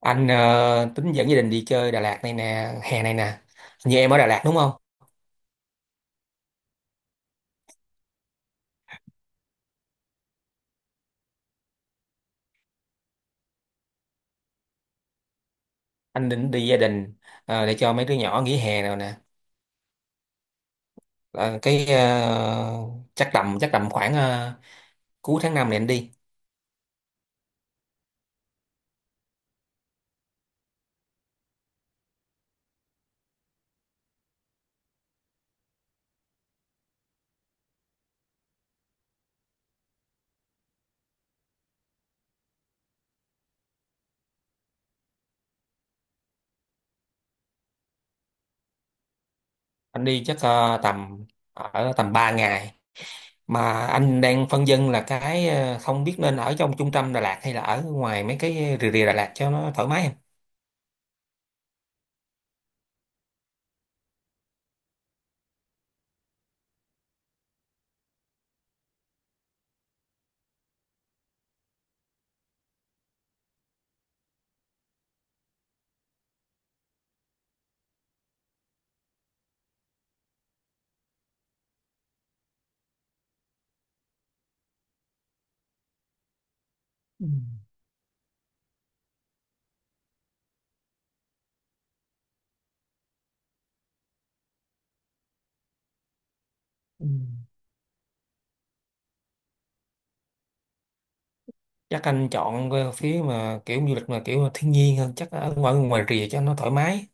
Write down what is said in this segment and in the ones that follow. Anh tính dẫn gia đình đi chơi Đà Lạt này nè, hè này nè. Như em ở Đà Lạt đúng không? Anh định đi gia đình để cho mấy đứa nhỏ nghỉ hè nào nè. Ờ, cái ờ, chắc tầm khoảng cuối tháng 5 này anh đi. Anh đi chắc tầm 3 ngày. Mà anh đang phân vân là không biết nên ở trong trung tâm Đà Lạt hay là ở ngoài mấy cái rìa rìa Đà Lạt cho nó thoải mái em. Ừ. Ừ. Chắc anh chọn phía mà kiểu du lịch mà kiểu thiên nhiên hơn, chắc ở ngoài ngoài rìa cho nó thoải mái.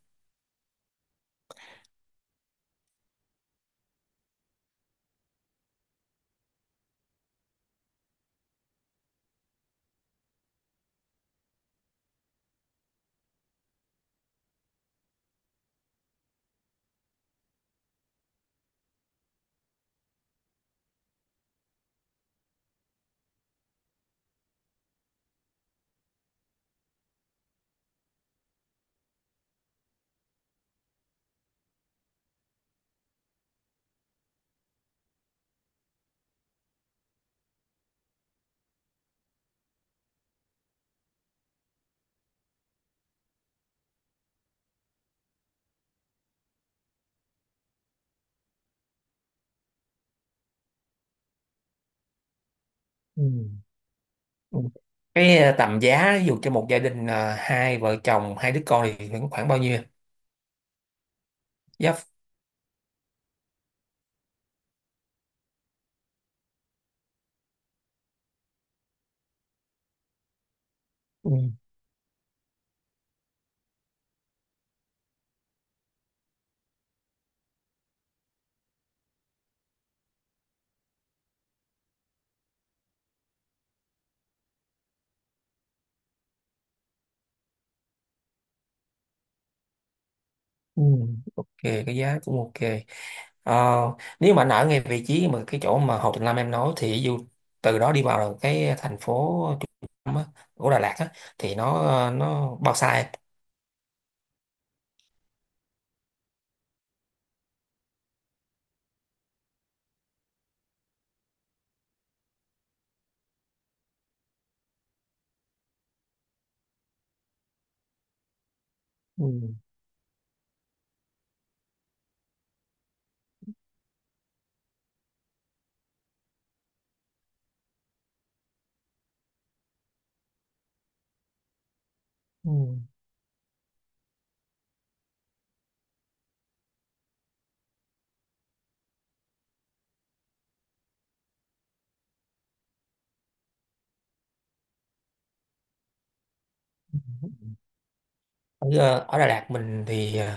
Ừ. Ừ. Tầm giá ví dụ cho một gia đình hai vợ chồng hai đứa con thì khoảng khoảng bao nhiêu? Giá. Ừ. Ừ. Ok, cái giá cũng ok. Ờ, nếu mà anh ở ngay vị trí mà cái chỗ mà Hồ Tùng Lâm em nói thì ví dụ từ đó đi vào cái thành phố trung tâm á, của Đà Lạt á, thì nó bao xa em? Ừ. Ừ. Ở Đà Lạt mình thì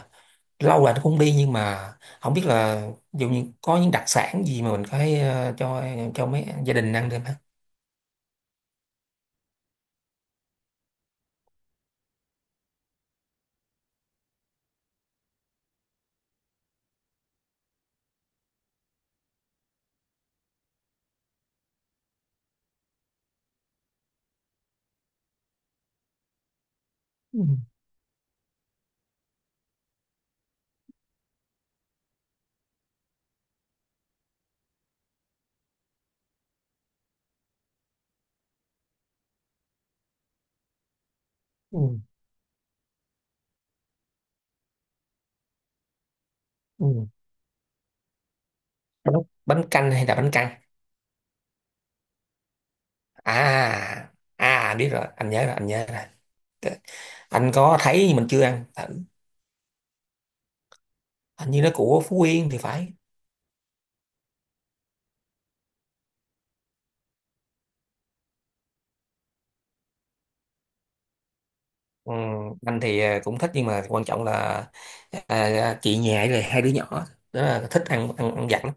lâu rồi nó cũng đi, nhưng mà không biết là ví dụ như có những đặc sản gì mà mình có thể cho mấy gia đình ăn được. Ừ, ừ, ừ. Bánh ốc, bánh canh hay là bánh căn? À, à, biết rồi, anh nhớ rồi, anh nhớ rồi. T- anh có thấy nhưng mình chưa ăn. Hình hình như nó của Phú Yên thì phải. Ừ, anh thì cũng thích, nhưng mà quan trọng là à, à, chị nhà rồi hai đứa nhỏ đó là thích ăn ăn ăn vặt lắm.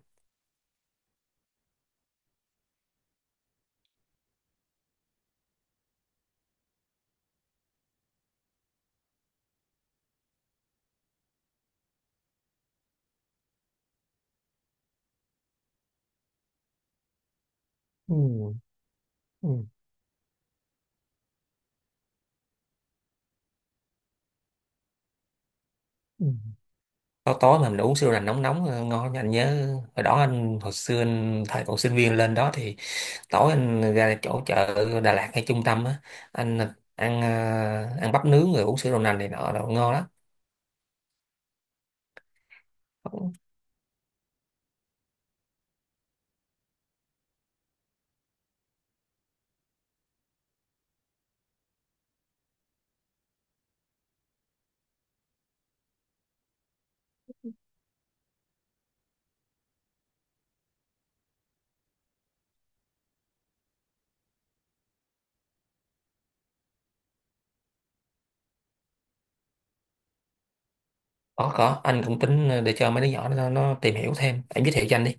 Ừ, ừ, ừ. Tối tối mà mình uống sữa là nóng nóng, ngon, anh nhớ hồi xưa anh thời còn sinh viên lên đó thì tối anh ra chỗ chợ Đà Lạt hay trung tâm á, anh ăn ờ, ăn bắp nướng rồi uống sữa đậu nành này nọ đồ ngon lắm. Có, anh cũng tính để cho mấy đứa nhỏ nó tìm hiểu thêm, em giới thiệu cho anh đi.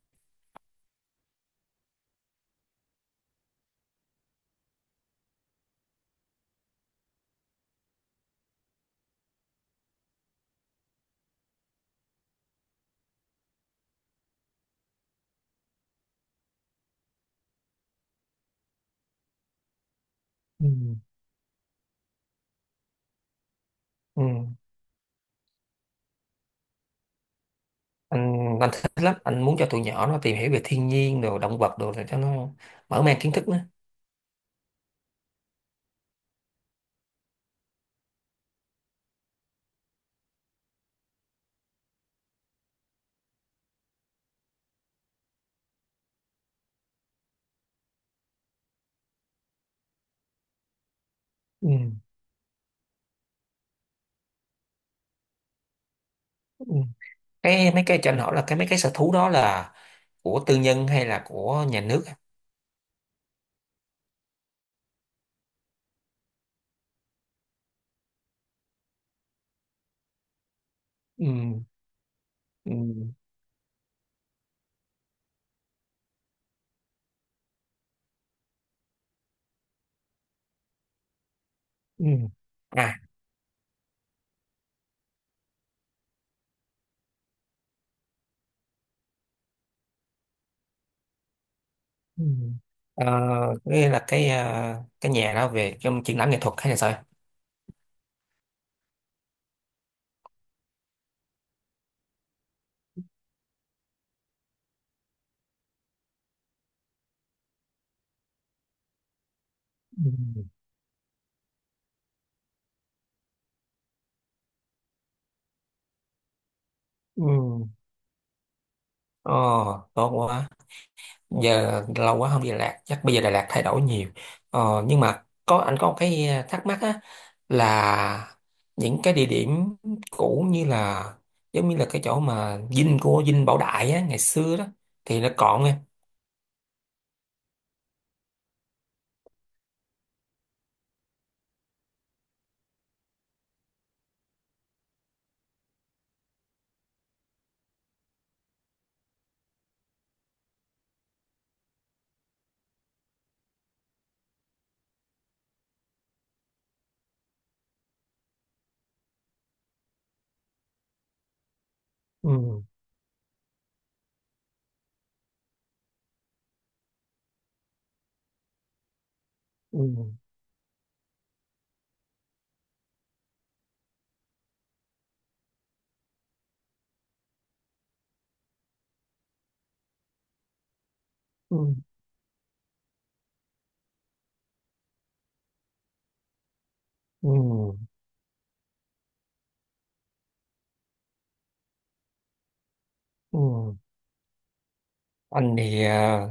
Ừ. Ừ. anh thích lắm, anh muốn cho tụi nhỏ nó tìm hiểu về thiên nhiên đồ động vật đồ để cho nó mở mang kiến thức nữa. Ừ. Ừ. Mấy cái cho anh hỏi là cái mấy cái sở thú đó là của tư nhân hay là của nhà nước? Ừ. Ừ. Ừ. À. Ừ. Ờ, nghĩa là cái nhà đó về trong triển lãm nghệ thuật hay là sao? Ừ. Ừ. Ờ, tốt quá. Giờ lâu quá không đi Đà Lạt, chắc bây giờ Đà Lạt thay đổi nhiều. Ờ, nhưng mà anh có một cái thắc mắc á, là những cái địa điểm cũ, như là giống như là cái chỗ mà dinh Bảo Đại á ngày xưa đó thì nó còn em? Ừ. Ừ. Ừ. Ừ. Ừ. Anh thì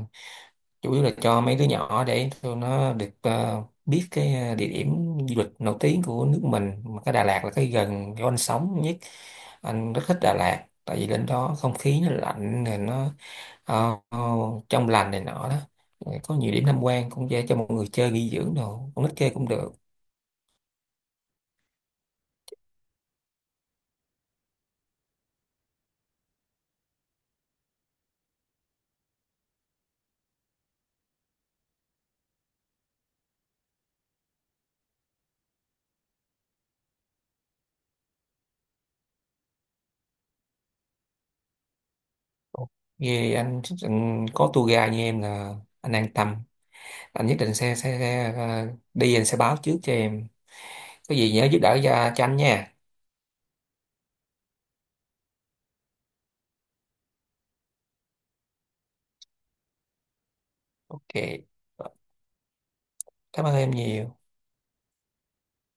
chủ yếu là cho mấy đứa nhỏ để tụi nó được biết cái địa điểm du lịch nổi tiếng của nước mình, mà cái Đà Lạt là cái gần chỗ anh sống nhất. Anh rất thích Đà Lạt, tại vì lên đó không khí nó lạnh rồi nó ờ, ờ, trong lành này nọ đó. Rồi có nhiều điểm tham quan cũng dễ, cho mọi người chơi nghỉ dưỡng đồ, con nít chơi cũng được. Vì anh có tour guide như em là anh an tâm, anh nhất định sẽ đi, anh sẽ báo trước cho em, có gì nhớ giúp đỡ cho anh nha. Ok. Cảm ơn em nhiều.